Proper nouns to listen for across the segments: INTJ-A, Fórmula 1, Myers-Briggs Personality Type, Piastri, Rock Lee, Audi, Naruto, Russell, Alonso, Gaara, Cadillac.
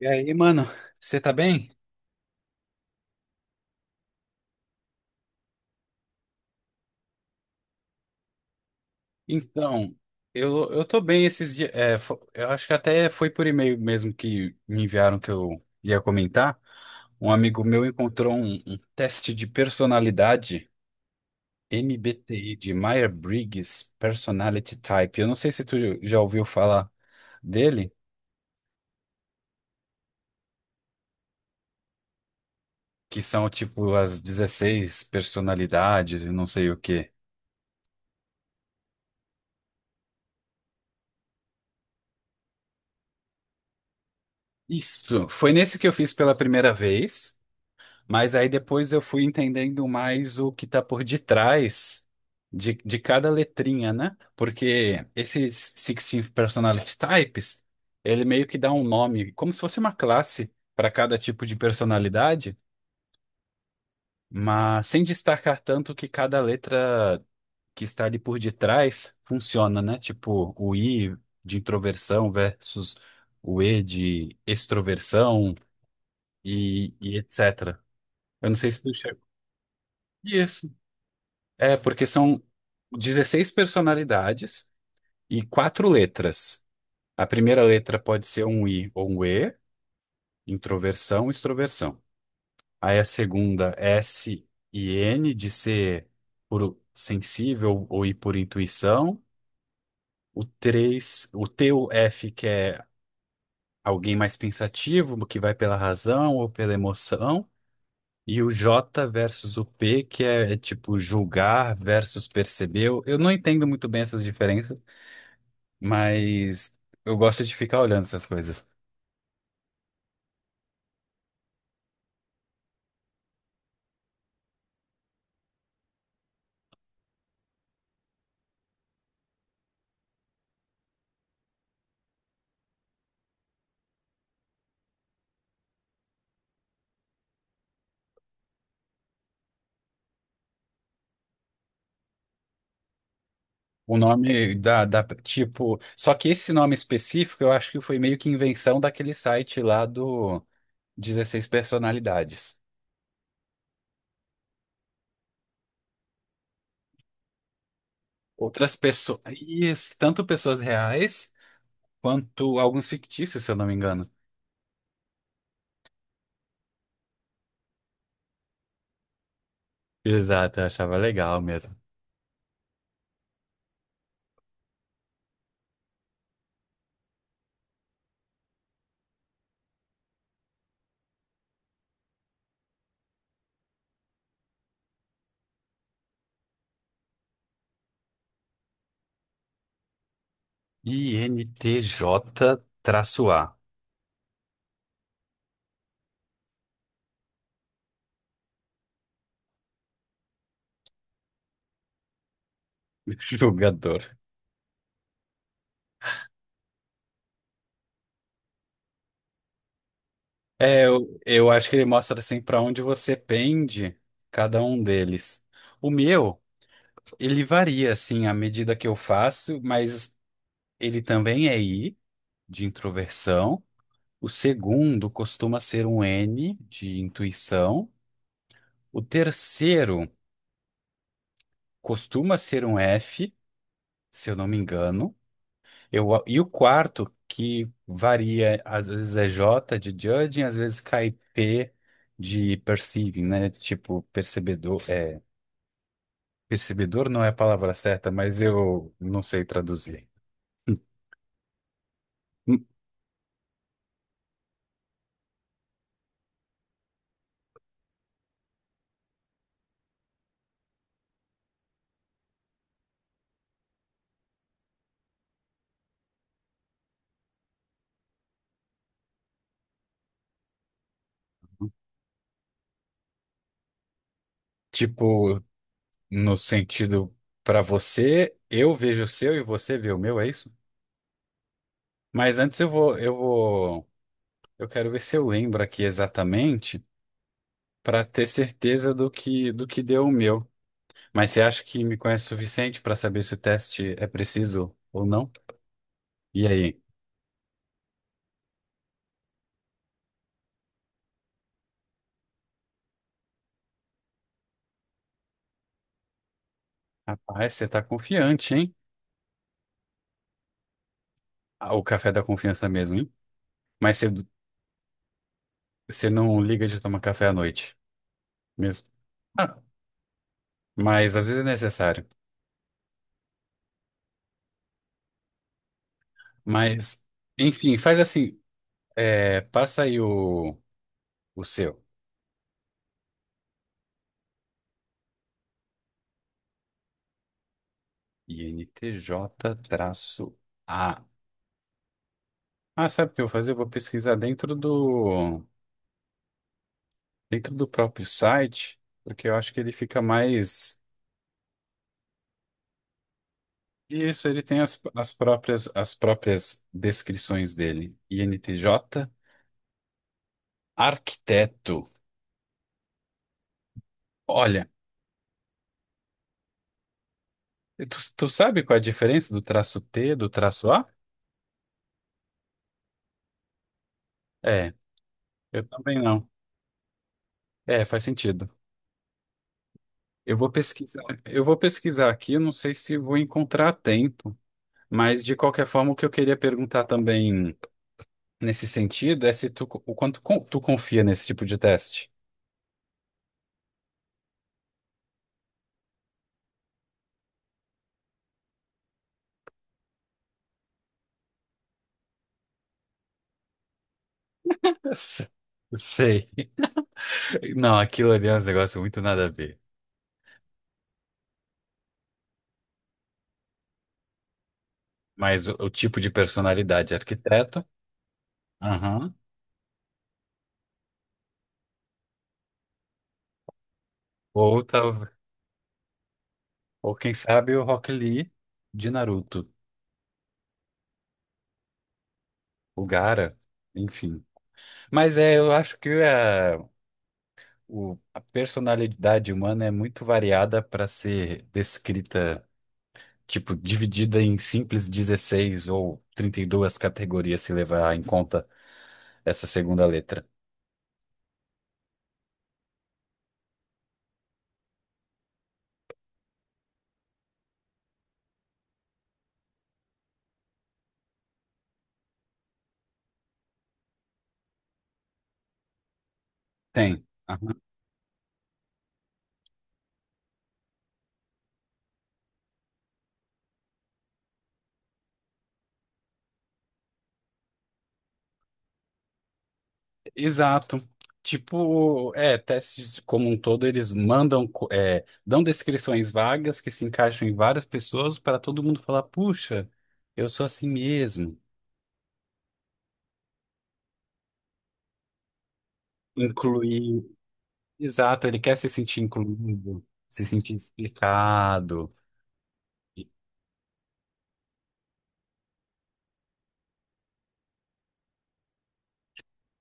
E aí, mano, você tá bem? Então, eu tô bem esses dias. Eu acho que até foi por e-mail mesmo que me enviaram que eu ia comentar. Um amigo meu encontrou um teste de personalidade MBTI de Myers-Briggs Personality Type. Eu não sei se tu já ouviu falar dele, que são tipo as 16 personalidades e não sei o quê. Isso, foi nesse que eu fiz pela primeira vez. Mas aí depois eu fui entendendo mais o que está por detrás de cada letrinha, né? Porque esses sixteen personality types, ele meio que dá um nome, como se fosse uma classe para cada tipo de personalidade, mas sem destacar tanto que cada letra que está ali por detrás funciona, né? Tipo, o I de introversão versus o E de extroversão e etc. Eu não sei se tu chegou. Isso. É, porque são 16 personalidades e quatro letras. A primeira letra pode ser um I ou um E, introversão, extroversão. Aí a segunda, S e N, de ser por sensível ou ir por intuição. O 3, o T ou F, que é alguém mais pensativo, que vai pela razão ou pela emoção. E o J versus o P, que é tipo julgar versus perceber. Eu não entendo muito bem essas diferenças, mas eu gosto de ficar olhando essas coisas. O nome tipo, só que esse nome específico eu acho que foi meio que invenção daquele site lá do 16 personalidades. Outras pessoas, isso, tanto pessoas reais quanto alguns fictícios, se eu não me engano. Exato, eu achava legal mesmo. INTJ-A, jogador. É, eu acho que ele mostra assim para onde você pende cada um deles. O meu Ele varia, assim, à medida que eu faço, mas ele também é I, de introversão. O segundo costuma ser um N, de intuição. O terceiro costuma ser um F, se eu não me engano. E o quarto, que varia, às vezes é J, de judging, às vezes cai P, de perceiving, né? Tipo, percebedor, Percebedor não é a palavra certa, mas eu não sei traduzir. Hum. Tipo, no sentido para você, eu vejo o seu e você vê o meu, é isso? Mas antes eu quero ver se eu lembro aqui exatamente para ter certeza do que deu o meu. Mas você acha que me conhece o suficiente para saber se o teste é preciso ou não? E aí? Rapaz, você tá confiante, hein? Ah, o café da confiança mesmo, hein? Mas você não liga de tomar café à noite mesmo. Ah, mas às vezes é necessário. Mas, enfim, faz assim. É, passa aí o seu. INTJ-A. Ah, sabe o que eu vou fazer? Eu vou pesquisar dentro do próprio site, porque eu acho que ele fica mais. Isso, ele tem as próprias descrições dele. INTJ, arquiteto. Olha, tu sabe qual é a diferença do traço T do traço A? É, eu também não. É, faz sentido. Eu vou pesquisar aqui, eu não sei se vou encontrar a tempo. Mas de qualquer forma, o que eu queria perguntar também nesse sentido é se tu confia nesse tipo de teste. S- Sei. Não, aquilo ali é um negócio muito nada a ver. Mas o tipo de personalidade, arquiteto, aham. Ou tal, ou quem sabe o Rock Lee de Naruto, o Gaara, enfim. Mas é, eu acho que a personalidade humana é muito variada para ser descrita, tipo, dividida em simples 16 ou 32 categorias, se levar em conta essa segunda letra. Tem. Aham. Exato. Tipo, é, testes como um todo, eles dão descrições vagas que se encaixam em várias pessoas para todo mundo falar, puxa, eu sou assim mesmo. Incluir, exato, ele quer se sentir incluído, se sentir explicado.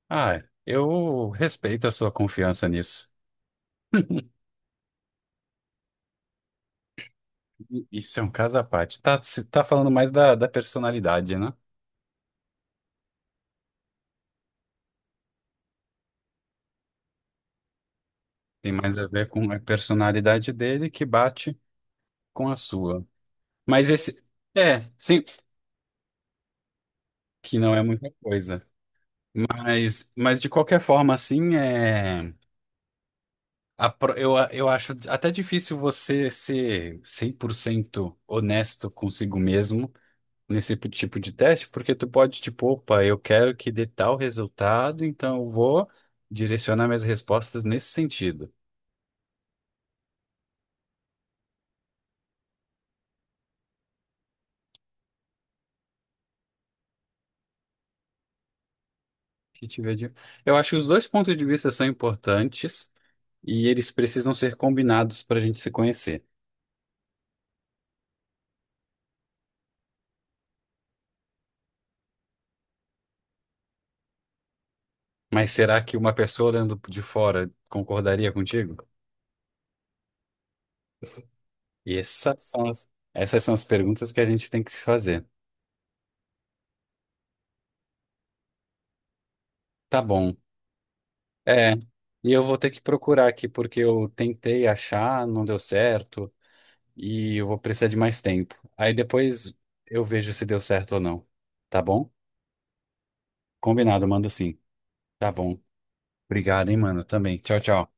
Ah, eu respeito a sua confiança nisso. Isso é um caso à parte. Tá, tá falando mais da personalidade, né? Tem mais a ver com a personalidade dele que bate com a sua. Mas esse. É, sim, que não é muita coisa. Mas de qualquer forma, assim, é, eu acho até difícil você ser 100% honesto consigo mesmo nesse tipo de teste, porque tu pode, tipo, opa, eu quero que dê tal resultado, então eu vou direcionar minhas respostas nesse sentido. Que tiver de... Eu acho que os dois pontos de vista são importantes e eles precisam ser combinados para a gente se conhecer. Mas será que uma pessoa olhando de fora concordaria contigo? E essas são as perguntas que a gente tem que se fazer. Tá bom. É, e eu vou ter que procurar aqui, porque eu tentei achar, não deu certo. E eu vou precisar de mais tempo. Aí depois eu vejo se deu certo ou não. Tá bom? Combinado, mando sim. Tá bom. Obrigado, hein, mano. Também. Tchau, tchau.